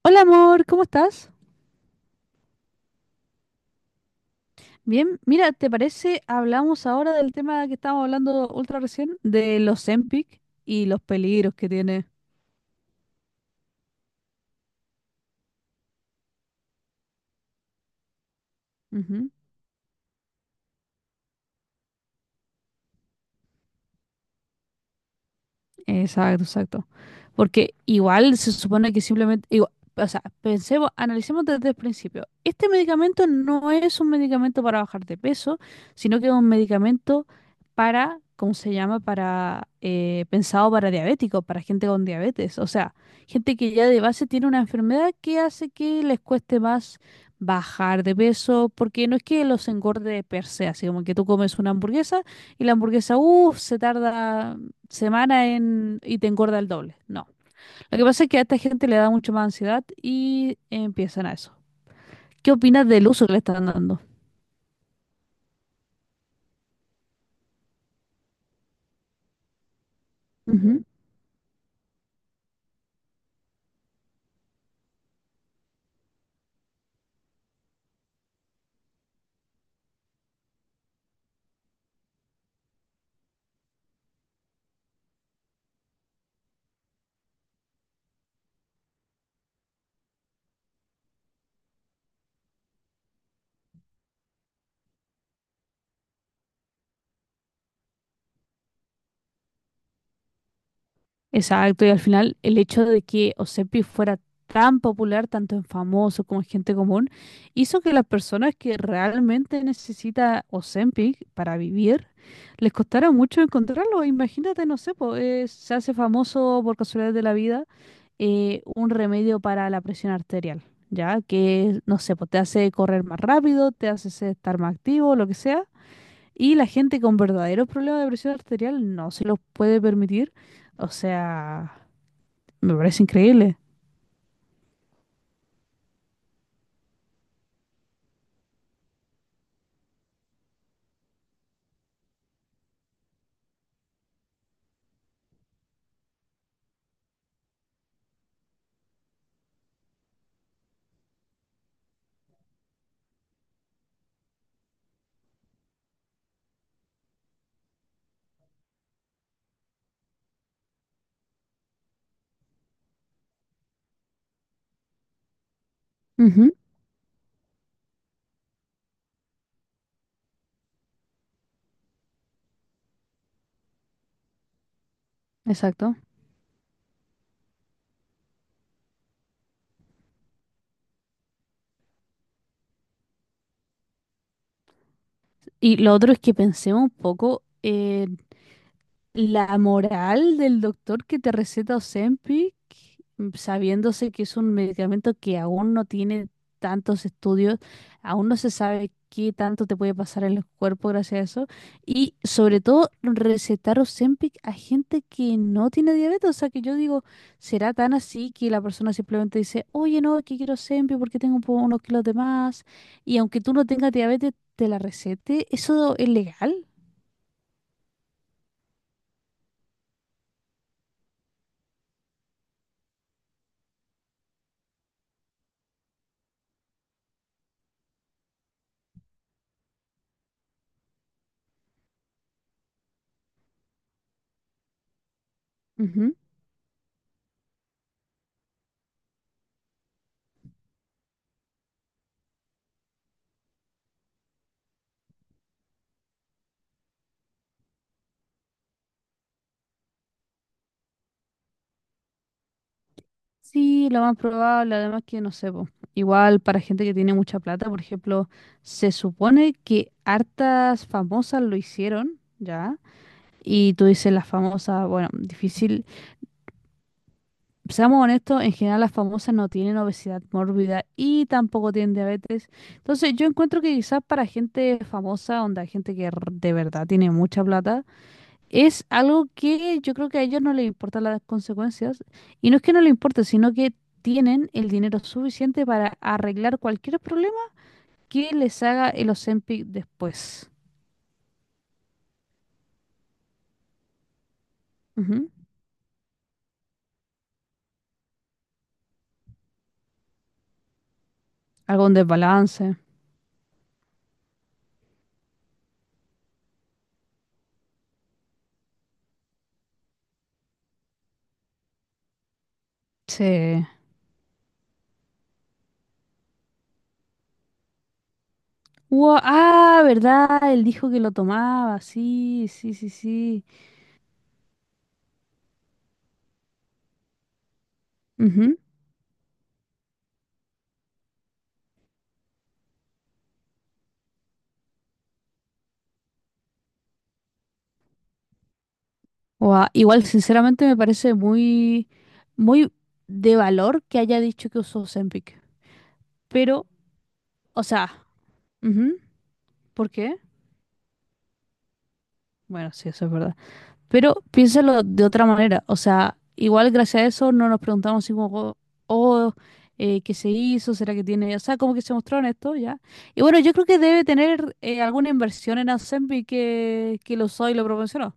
Hola amor, ¿cómo estás? Bien, mira, ¿te parece? Hablamos ahora del tema que estábamos hablando ultra recién, de los Zempic y los peligros que tiene. Exacto, exacto. Porque igual se supone que simplemente, o sea, pensemos, analicemos desde el principio. Este medicamento no es un medicamento para bajar de peso, sino que es un medicamento para, ¿cómo se llama? Para, pensado para diabéticos, para gente con diabetes. O sea, gente que ya de base tiene una enfermedad que hace que les cueste más bajar de peso, porque no es que los engorde per se, así como que tú comes una hamburguesa y la hamburguesa, uff, se tarda semana en, y te engorda el doble. No. Lo que pasa es que a esta gente le da mucho más ansiedad y empiezan a eso. ¿Qué opinas del uso que le están dando? Ujú. Exacto, y al final el hecho de que Osepi fuera tan popular, tanto en famosos como en gente común, hizo que las personas que realmente necesita Ozempic para vivir, les costara mucho encontrarlo. Imagínate, no sé, po, se hace famoso por casualidad de la vida un remedio para la presión arterial, ¿ya? Que, no sé, pues te hace correr más rápido, estar más activo, lo que sea. Y la gente con verdaderos problemas de presión arterial no se los puede permitir. O sea, me parece increíble. Ujú, exacto. Y lo otro es que pensemos un poco la moral del doctor que te receta Ozempic, sabiéndose que es un medicamento que aún no tiene tantos estudios, aún no se sabe qué tanto te puede pasar en el cuerpo gracias a eso, y sobre todo recetar Ozempic a gente que no tiene diabetes, o sea que yo digo, será tan así que la persona simplemente dice, oye, no, es que quiero Ozempic porque tengo unos kilos de más, y aunque tú no tengas diabetes, te la recete, ¿eso es legal? Sí, lo más probable, además que no sé, po, igual para gente que tiene mucha plata, por ejemplo, se supone que hartas famosas lo hicieron, ¿ya? Y tú dices las famosas, bueno, difícil. Seamos honestos, en general las famosas no tienen obesidad mórbida y tampoco tienen diabetes. Entonces yo encuentro que quizás para gente famosa, onda gente de verdad tiene mucha plata, es algo que yo creo que a ellos no les importan las consecuencias. Y no es que no les importe, sino que tienen el dinero suficiente para arreglar cualquier problema que les haga el Ozempic después. Ujú. Algún desbalance. Sí. Ah, ¿verdad? Él dijo que lo tomaba. Sí, sí, sí, sí. Ujú. Ua, igual, sinceramente, me parece muy, muy de valor que haya dicho que usó Ozempic. Pero, o sea, ujú, ¿por qué? Bueno, sí, eso es verdad. Pero piénsalo de otra manera. O sea, igual gracias a eso no nos preguntamos si como, oh, oh, ¿qué se hizo? ¿Será que tiene? O sea, como que se mostró en esto ya. Y bueno, yo creo que debe tener alguna inversión en Asembi que lo usó y lo proporcionó.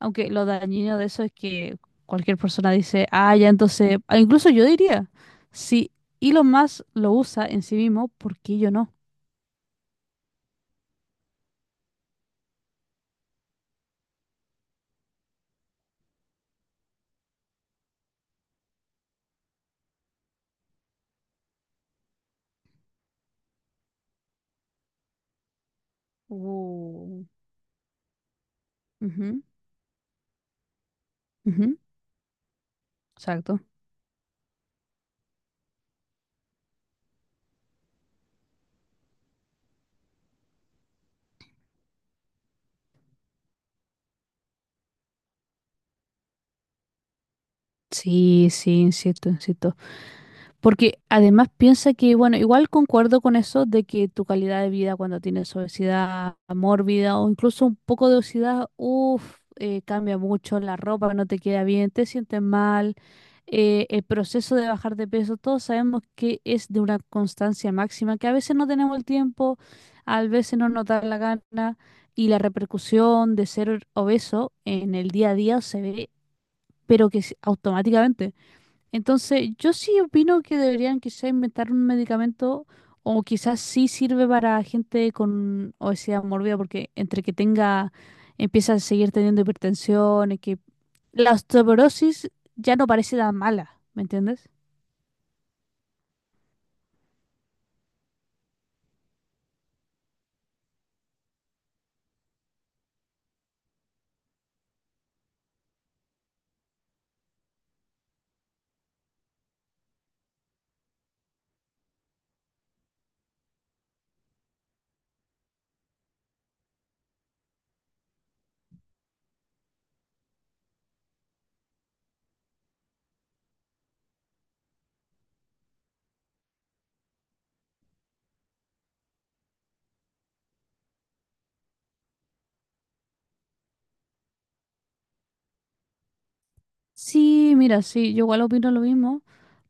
Aunque lo dañino de eso es que cualquier persona dice, ah, ya entonces, ah, incluso yo diría, si Elon Musk lo usa en sí mismo, ¿por qué yo no? Uh, ujú, ujú, exacto. Sí, sí, insisto, insisto. Porque además piensa que, bueno, igual concuerdo con eso de que tu calidad de vida cuando tienes obesidad mórbida o incluso un poco de obesidad, uff, cambia mucho, la ropa no te queda bien, te sientes mal, el proceso de bajar de peso, todos sabemos que es de una constancia máxima, que a veces no tenemos el tiempo, a veces no nos da la gana y la repercusión de ser obeso en el día a día se ve, pero que es automáticamente. Entonces, yo sí opino que deberían quizá inventar un medicamento o quizás sí sirve para gente con obesidad mórbida porque entre que tenga, empieza a seguir teniendo hipertensión, y que la osteoporosis ya no parece tan mala, ¿me entiendes? Sí, mira, sí, yo igual opino lo mismo,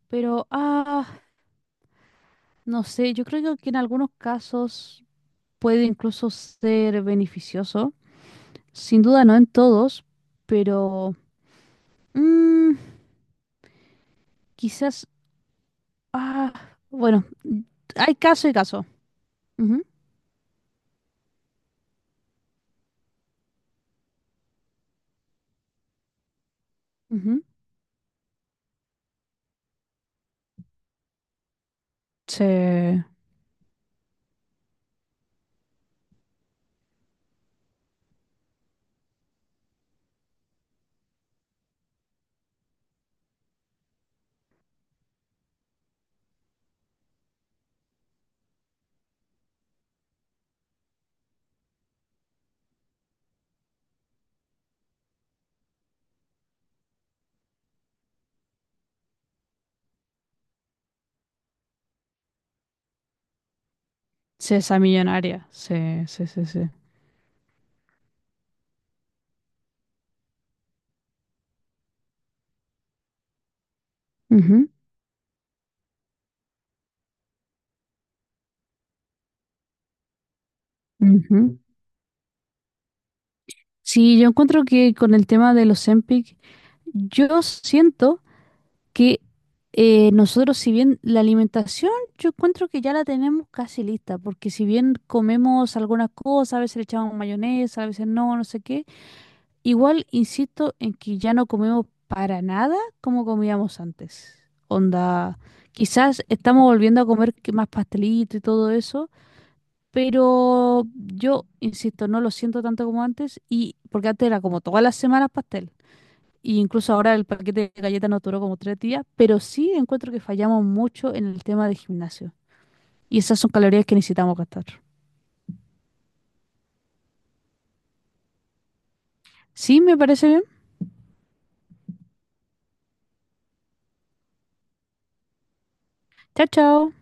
pero ah, no sé, yo creo que en algunos casos puede incluso ser beneficioso, sin duda no en todos, pero mm, quizás ah, bueno, hay caso y caso. Ujú, ujú. Se, se esa millonaria. Se, se, se, se. Ujú, ujú. Sí, yo encuentro que con el tema de los Ozempic, yo siento que nosotros, si bien la alimentación, yo encuentro que ya la tenemos casi lista, porque si bien comemos algunas cosas, a veces le echamos mayonesa, a veces no, no sé qué. Igual insisto en que ya no comemos para nada como comíamos antes. Onda, quizás estamos volviendo a comer que más pastelito y todo eso, pero yo insisto, no lo siento tanto como antes y porque antes era como todas las semanas pastel. Y incluso ahora el paquete de galletas nos duró como 3 días, pero sí encuentro que fallamos mucho en el tema de gimnasio. Y esas son calorías que necesitamos gastar. Sí, me parece bien. Chao, chao.